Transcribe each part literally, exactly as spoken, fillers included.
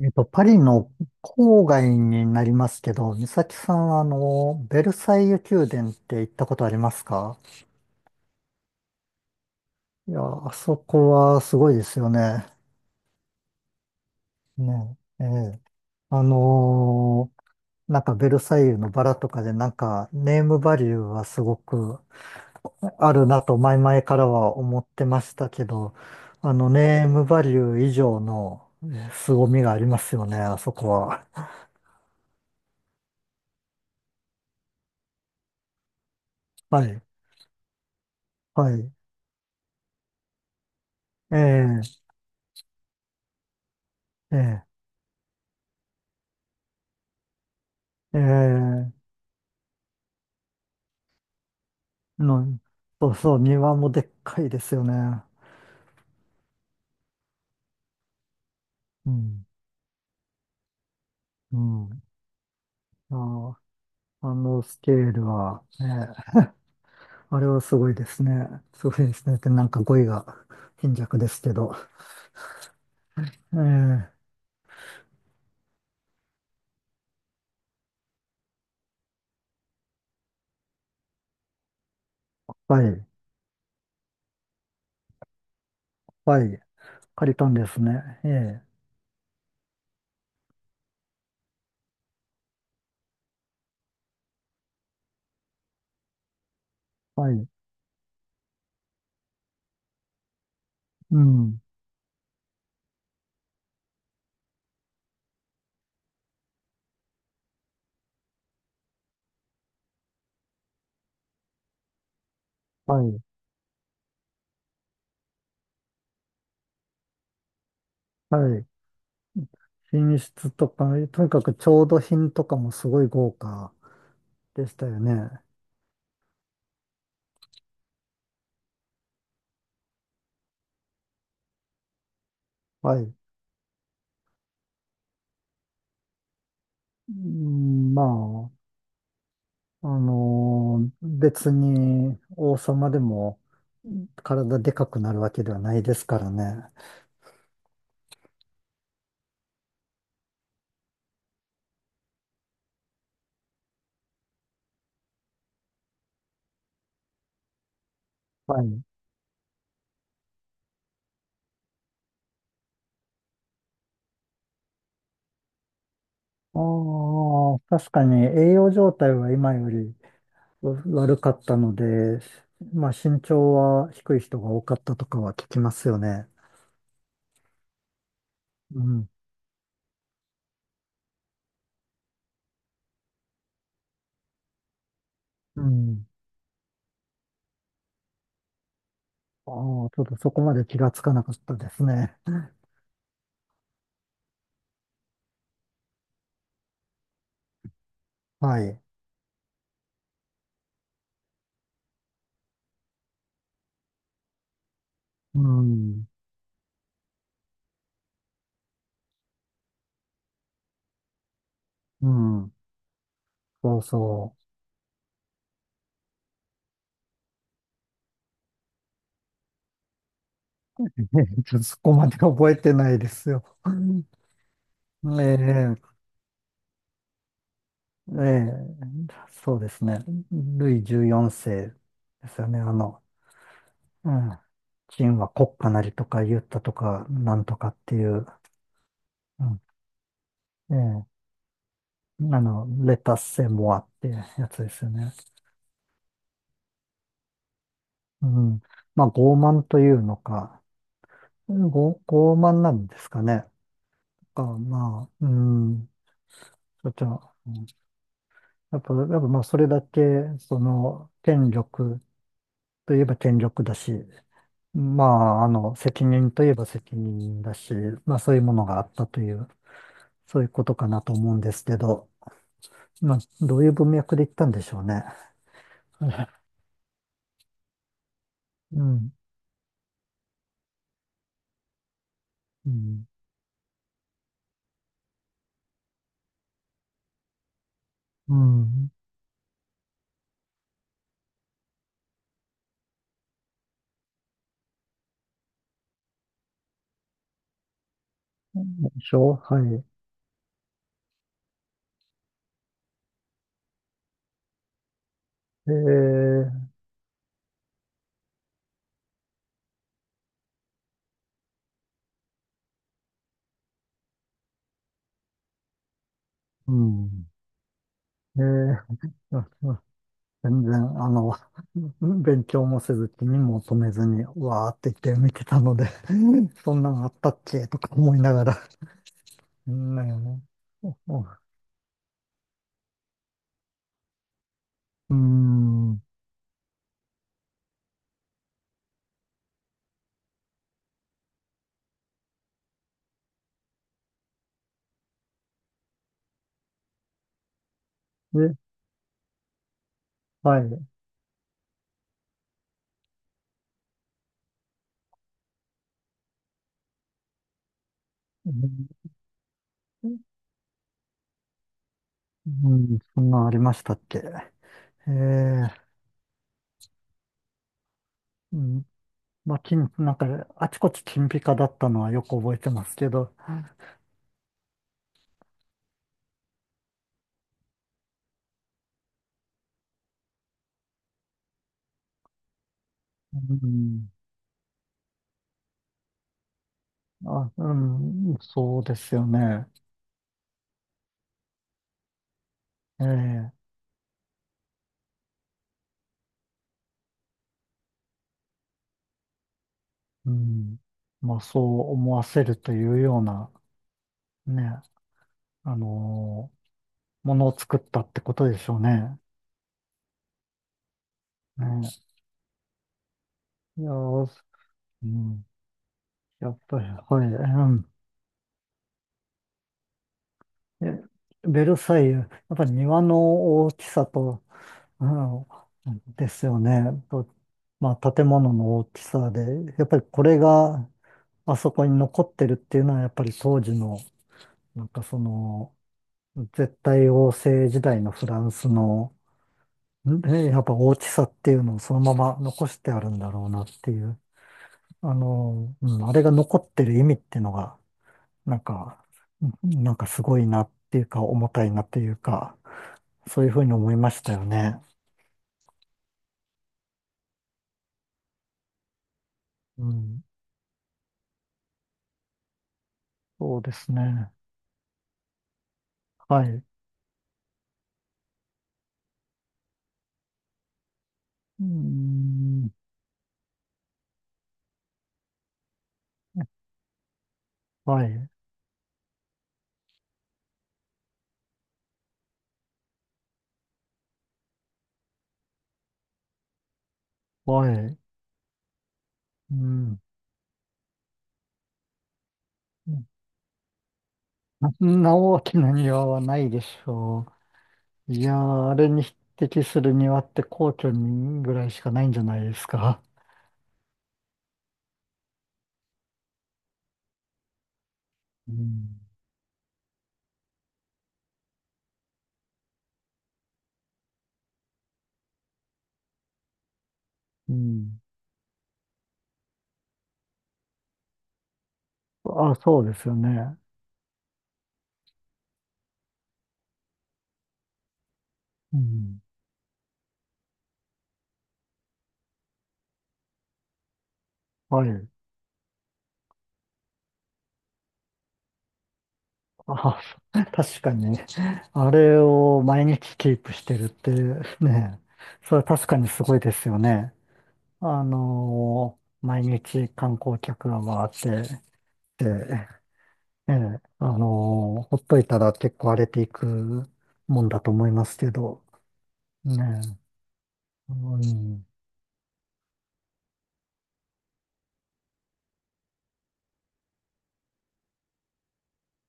えっと、パリの郊外になりますけど、美咲さんは、あの、ベルサイユ宮殿って行ったことありますか？いや、あそこはすごいですよね。ね、ええ。あのーなんかベルサイユのバラとかで、なんかネームバリューはすごくあるなと前々からは思ってましたけど、あの、ネームバリュー以上のえ凄みがありますよね、あそこは。はい、はい。ええ、ええ、ええ。のそうそう、庭もでっかいですよね。うん、うん。ああ、あのスケールは、ね、あれはすごいですね。すごいですね。ってなんか語彙が貧弱ですけど。ええ、はい、はい、借りたんですね。ええ、はい、うん、はい、はい。品質とか、とにかく調度品とかもすごい豪華でしたよね。はい。うん、まあ、あのー別に王様でも体でかくなるわけではないですからね。はい。ああ、確かに栄養状態は今より悪かったので、まあ身長は低い人が多かったとかは聞きますよね。うん。うん。ああ、ちょっとそこまで気がつかなかったですね。はい。うん。うん。そうそう。ちょっとそこまで覚えてないですよ。ねえええ、そうですね。ルイじゅうよんせい世ですよね。あの、うん。秦は国家なりとか言ったとか、なんとかっていう、うん。ええ、あの、レタスセモアってやつですよね。うん。まあ、傲慢というのか、ご傲慢なんですかね。か、まあ、うん。そっちうんやっぱ、やっぱまあ、それだけ、その、権力といえば権力だし、まあ、あの、責任といえば責任だし、まあそういうものがあったという、そういうことかなと思うんですけど、まあ、どういう文脈で言ったんでしょうね。うん、うん、うん。でしょはい。えー、うん。えー、ああ全然、あの、勉強もせず、気にも留めずに、わーって言って見てたので そんなんあったっけとか思いながら。うん、ね、うん。うんで、はい。うん、うんそんなんありましたっけ。ええ、うん、まあ、金、なんか、あちこち金ピカだったのはよく覚えてますけど、うん、あ、うん、そうですよね。ええ、うん、まあ、そう思わせるというような、ね、あのーものを作ったってことでしょうね。ね、いやー、うん、やっぱり、はい、うん。えベルサイユ、やっぱり庭の大きさと、うん、ですよね。と、まあ、建物の大きさで、やっぱりこれがあそこに残ってるっていうのは、やっぱり当時の、なんかその、絶対王政時代のフランスの、ねやっぱ大きさっていうのをそのまま残してあるんだろうなっていう、あの、うん、あれが残ってる意味っていうのが、なんか、うんなんかすごいなっていうか、重たいなっていうか、そういうふうに思いましたよね。うん、そうですね。はい。うーん。はい。はい。うん。そんな大きな庭 はないでしょう。いやー、あれに匹敵する庭って皇居にぐらいしかないんじゃないですか。うん。うん。あ、そうですよね。うん。はい。あ、確かに。あれを毎日キープしてるってね、それは確かにすごいですよね。あのー毎日観光客が回って、でええ、あのーほっといたら結構荒れていくもんだと思いますけど、ねえ、うん、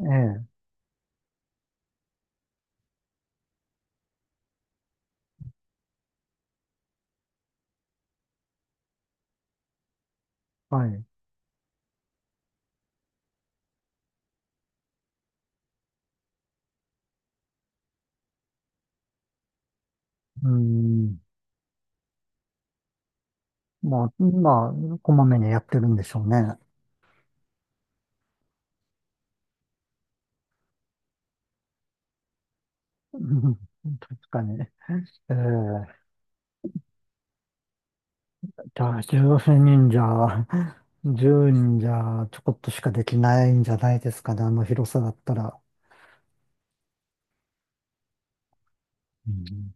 ええ、はい、うん、まあ、まあ、こまめにやってるんでしょうね。うん確かに。ええ、じゃあ、ゼロにんじゃ、じゅうにんじゃ、ちょこっとしかできないんじゃないですかね、あの広さだったら。うん